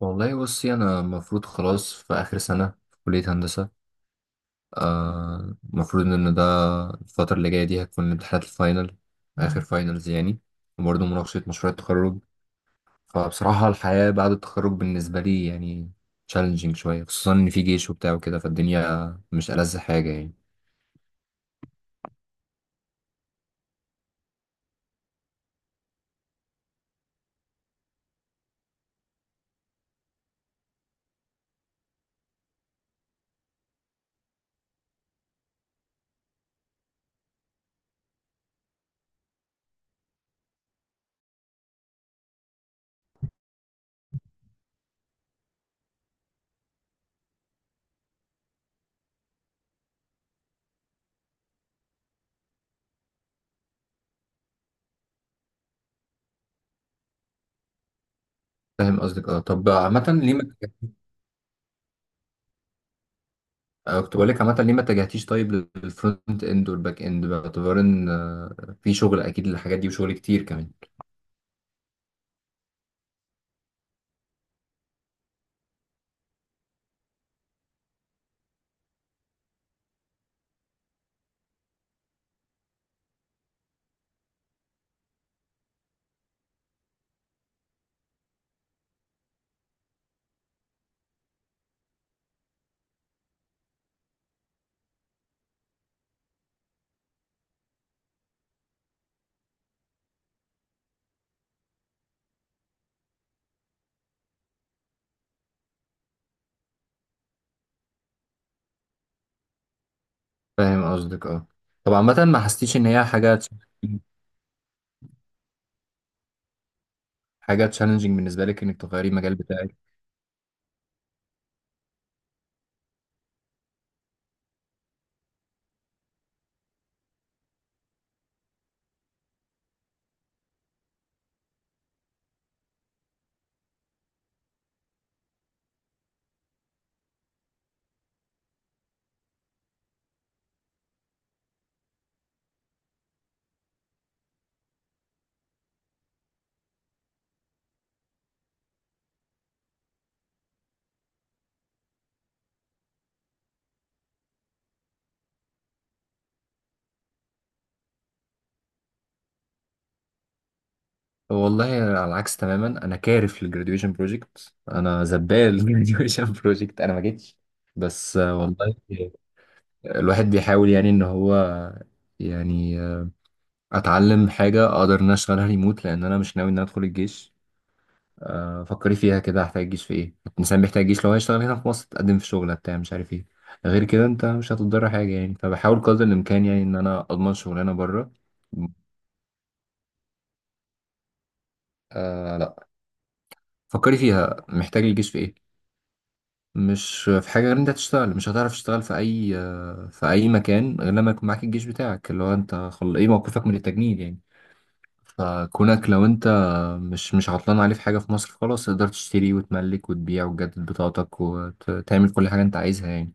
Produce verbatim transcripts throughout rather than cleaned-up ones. والله بصي انا المفروض خلاص في اخر سنه في كليه هندسه. آه، المفروض ان ده الفتره اللي جايه دي هتكون امتحانات الفاينل، اخر فاينلز يعني، وبرضه مناقشه مشروع التخرج. فبصراحه الحياه بعد التخرج بالنسبه لي يعني تشالنجينج شويه، خصوصا ان في جيش وبتاع وكده، فالدنيا مش ألذ حاجه يعني. فاهم قصدك، اه. طب عامه ليه ما اتجهتيش- آه، كنت بقول لك، عامه ليه ما اتجهتيش طيب للفرونت اند والباك اند، باعتبار ان آه، في شغل اكيد للحاجات دي وشغل كتير كمان. فاهم قصدك، اه. طب عامة ما حسيتيش ان هي حاجة challenging- حاجة تشالنجينج بالنسبة لك انك تغيري المجال بتاعك؟ والله على العكس تماما، انا كارف للجراديويشن بروجكت، انا زبال الجراديويشن بروجكت، انا ما جيتش. بس آه، والله الواحد بيحاول يعني ان هو يعني آه، اتعلم حاجة اقدر ان أنا اشتغلها ريموت، لان انا مش ناوي ان انا ادخل الجيش. آه، فكري فيها كده، هحتاج الجيش في ايه؟ الانسان بيحتاج الجيش لو هيشتغل هنا في مصر، تقدم في شغله بتاع مش عارف ايه. غير كده انت مش هتضر حاجه يعني، فبحاول قدر الامكان يعني ان انا اضمن شغلانه بره. آه، لا، فكري فيها، محتاج الجيش في ايه؟ مش في حاجه غير إن انت تشتغل. مش هتعرف تشتغل في اي آه، في اي مكان غير لما يكون معاك الجيش بتاعك، اللي هو انت خل... ايه موقفك من التجنيد يعني. فكونك لو انت مش مش عطلان عليه في حاجه في مصر، خلاص، تقدر تشتري وتملك وتبيع وتجدد بطاقتك وتعمل كل حاجه انت عايزها يعني.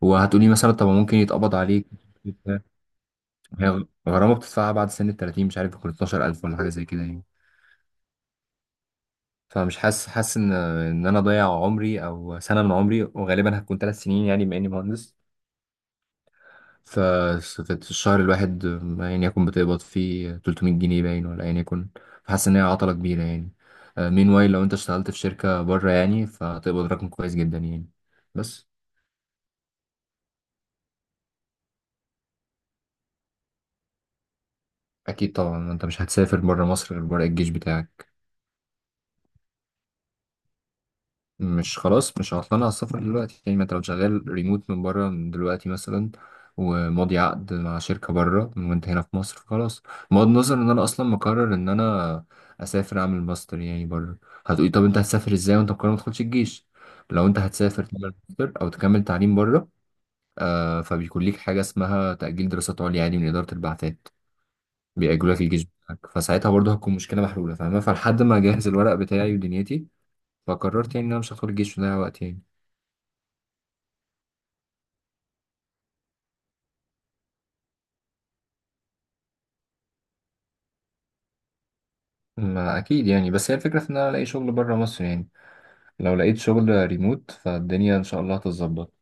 وهتقولي مثلا، طب ممكن يتقبض عليك. هي غرامة بتدفعها بعد سن ال تلاتين، مش عارف يكون اتناشر الف ولا حاجة زي كده يعني. فمش حاسس حاسس ان ان انا ضيع عمري او سنة من عمري، وغالبا هتكون ثلاث سنين يعني بما اني مهندس. ف- في الشهر الواحد يعني، يكون بتقبض فيه تلتمية جنيه باين، ولا يعني يكون. فحاسس ان هي عطلة كبيرة يعني. مين واي، لو انت اشتغلت في شركة بره يعني فتقبض رقم كويس جدا يعني. بس. اكيد طبعا، انت مش هتسافر بره مصر غير بره الجيش بتاعك. مش خلاص، مش هطلع على السفر دلوقتي يعني. ما انت لو شغال ريموت من بره من دلوقتي مثلا، وماضي عقد مع شركة بره، وانت هنا في مصر، خلاص. بغض النظر ان انا اصلا مقرر ان انا اسافر اعمل ماستر يعني بره. هتقولي، طب انت هتسافر ازاي وانت مقرر ما تدخلش الجيش؟ لو انت هتسافر تعمل ماستر او تكمل تعليم بره، آه، فبيكون ليك حاجة اسمها تأجيل دراسات عليا، عادي، من إدارة البعثات. بيأجلوا لك الجيش بتاعك، فساعتها برضه هتكون مشكلة محلولة، فاهمة؟ فلحد ما اجهز الورق بتاعي ودنيتي، فقررت يعني ان انا مش هدخل الجيش وده وقت يعني. ما اكيد يعني. بس هي الفكره في ان انا الاقي شغل بره مصر يعني. لو لقيت شغل ريموت، فالدنيا ان شاء الله هتتظبط.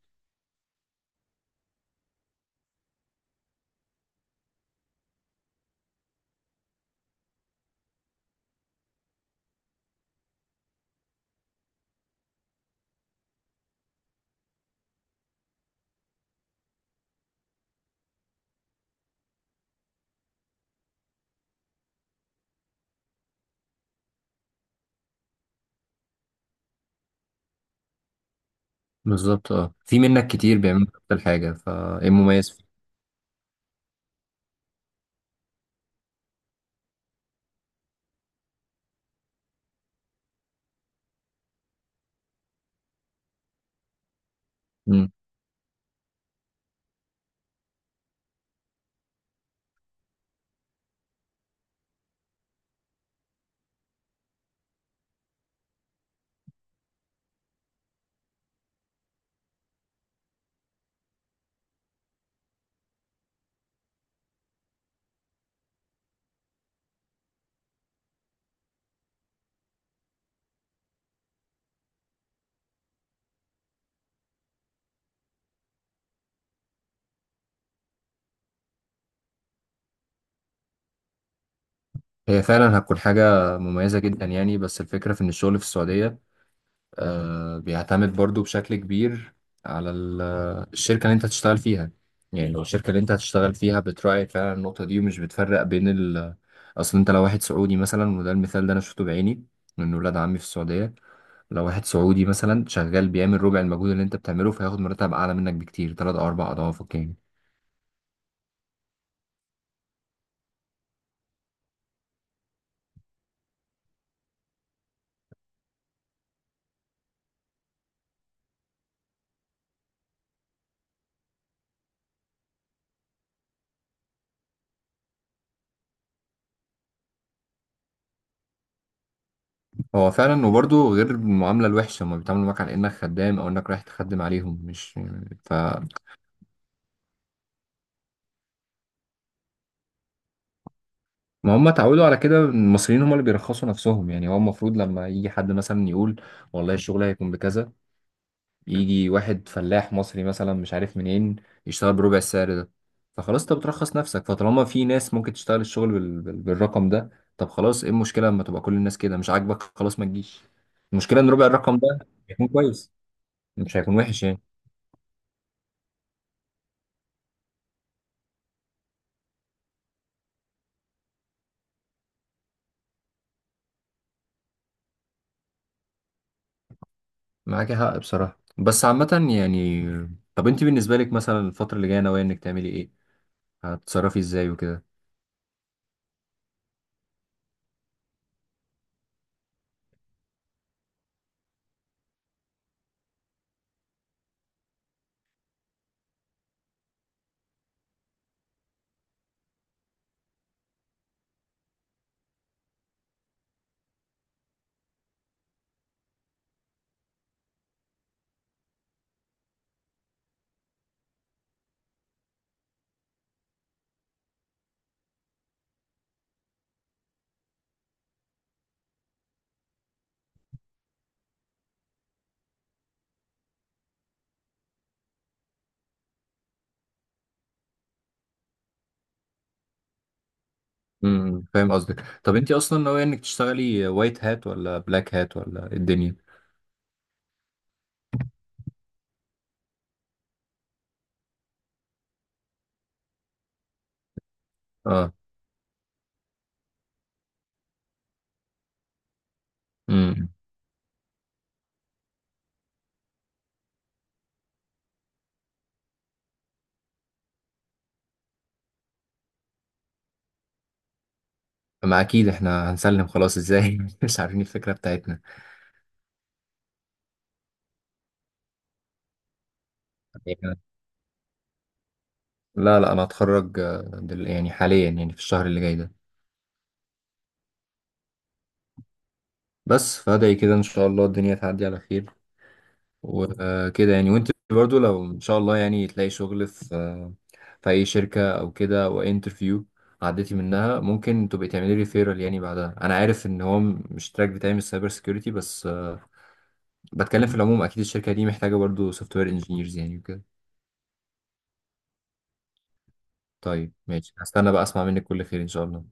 بالظبط، اه. في منك كتير بيعملوا نفس الحاجة، فايه المميز فيه؟ مم. هي فعلا هتكون حاجة مميزة جدا يعني، بس الفكرة في ان الشغل في السعودية آه بيعتمد برضو بشكل كبير على ال- الشركة اللي انت هتشتغل فيها. يعني لو الشركة اللي انت هتشتغل فيها بتراعي فعلا النقطة دي، ومش بتفرق بين ال اصل، انت لو واحد سعودي مثلا، وده المثال ده انا شفته بعيني من ولاد عمي في السعودية، لو واحد سعودي مثلا شغال بيعمل ربع المجهود اللي انت بتعمله، فهياخد مرتب اعلى منك بكتير، تلات او اربع اضعافك يعني. هو فعلا، وبرضه غير المعامله الوحشه، هم بيتعاملوا معاك على انك خدام او انك رايح تخدم عليهم، مش. ف ما هم اتعودوا على كده، المصريين هم اللي بيرخصوا نفسهم يعني. هو المفروض لما يجي حد مثلا يقول، والله الشغل هيكون بكذا، يجي واحد فلاح مصري مثلا مش عارف منين يشتغل بربع السعر ده. فخلاص انت بترخص نفسك. فطالما في ناس ممكن تشتغل الشغل بال... بال- بالرقم ده، طب خلاص، ايه المشكلة لما تبقى كل الناس كده؟ مش عاجبك، خلاص، ما تجيش. المشكلة ان ربع الرقم ده هيكون كويس، مش هيكون وحش يعني. معاك حق بصراحة، بس عامة يعني، طب انت بالنسبة لك مثلا الفترة اللي جاية ناوية انك تعملي ايه؟ هتتصرفي ازاي وكده؟ امم فاهم قصدك. طب انت اصلا ناوية انك تشتغلي وايت هات ولا بلاك هات ولا إيه الدنيا؟ اه. امم ما اكيد احنا هنسلم خلاص ازاي مش عارفين الفكره بتاعتنا. لا لا، انا هتخرج آه، دل... يعني حاليا يعني في الشهر اللي جاي ده. بس فادعي كده ان شاء الله الدنيا تعدي على خير وكده يعني. وانت برضو لو ان شاء الله يعني تلاقي شغل في آه، في اي شركه او كده، او انترفيو عديتي منها، ممكن تبقي تعملي ريفيرال يعني بعدها. انا عارف ان هو م- مش تراك بتاعي من السايبر سيكيورتي، بس آه، بتكلم في العموم. اكيد الشركه دي محتاجه برضو سوفت وير انجينيرز يعني وكده. طيب ماشي، هستنى بقى اسمع منك كل خير ان شاء الله.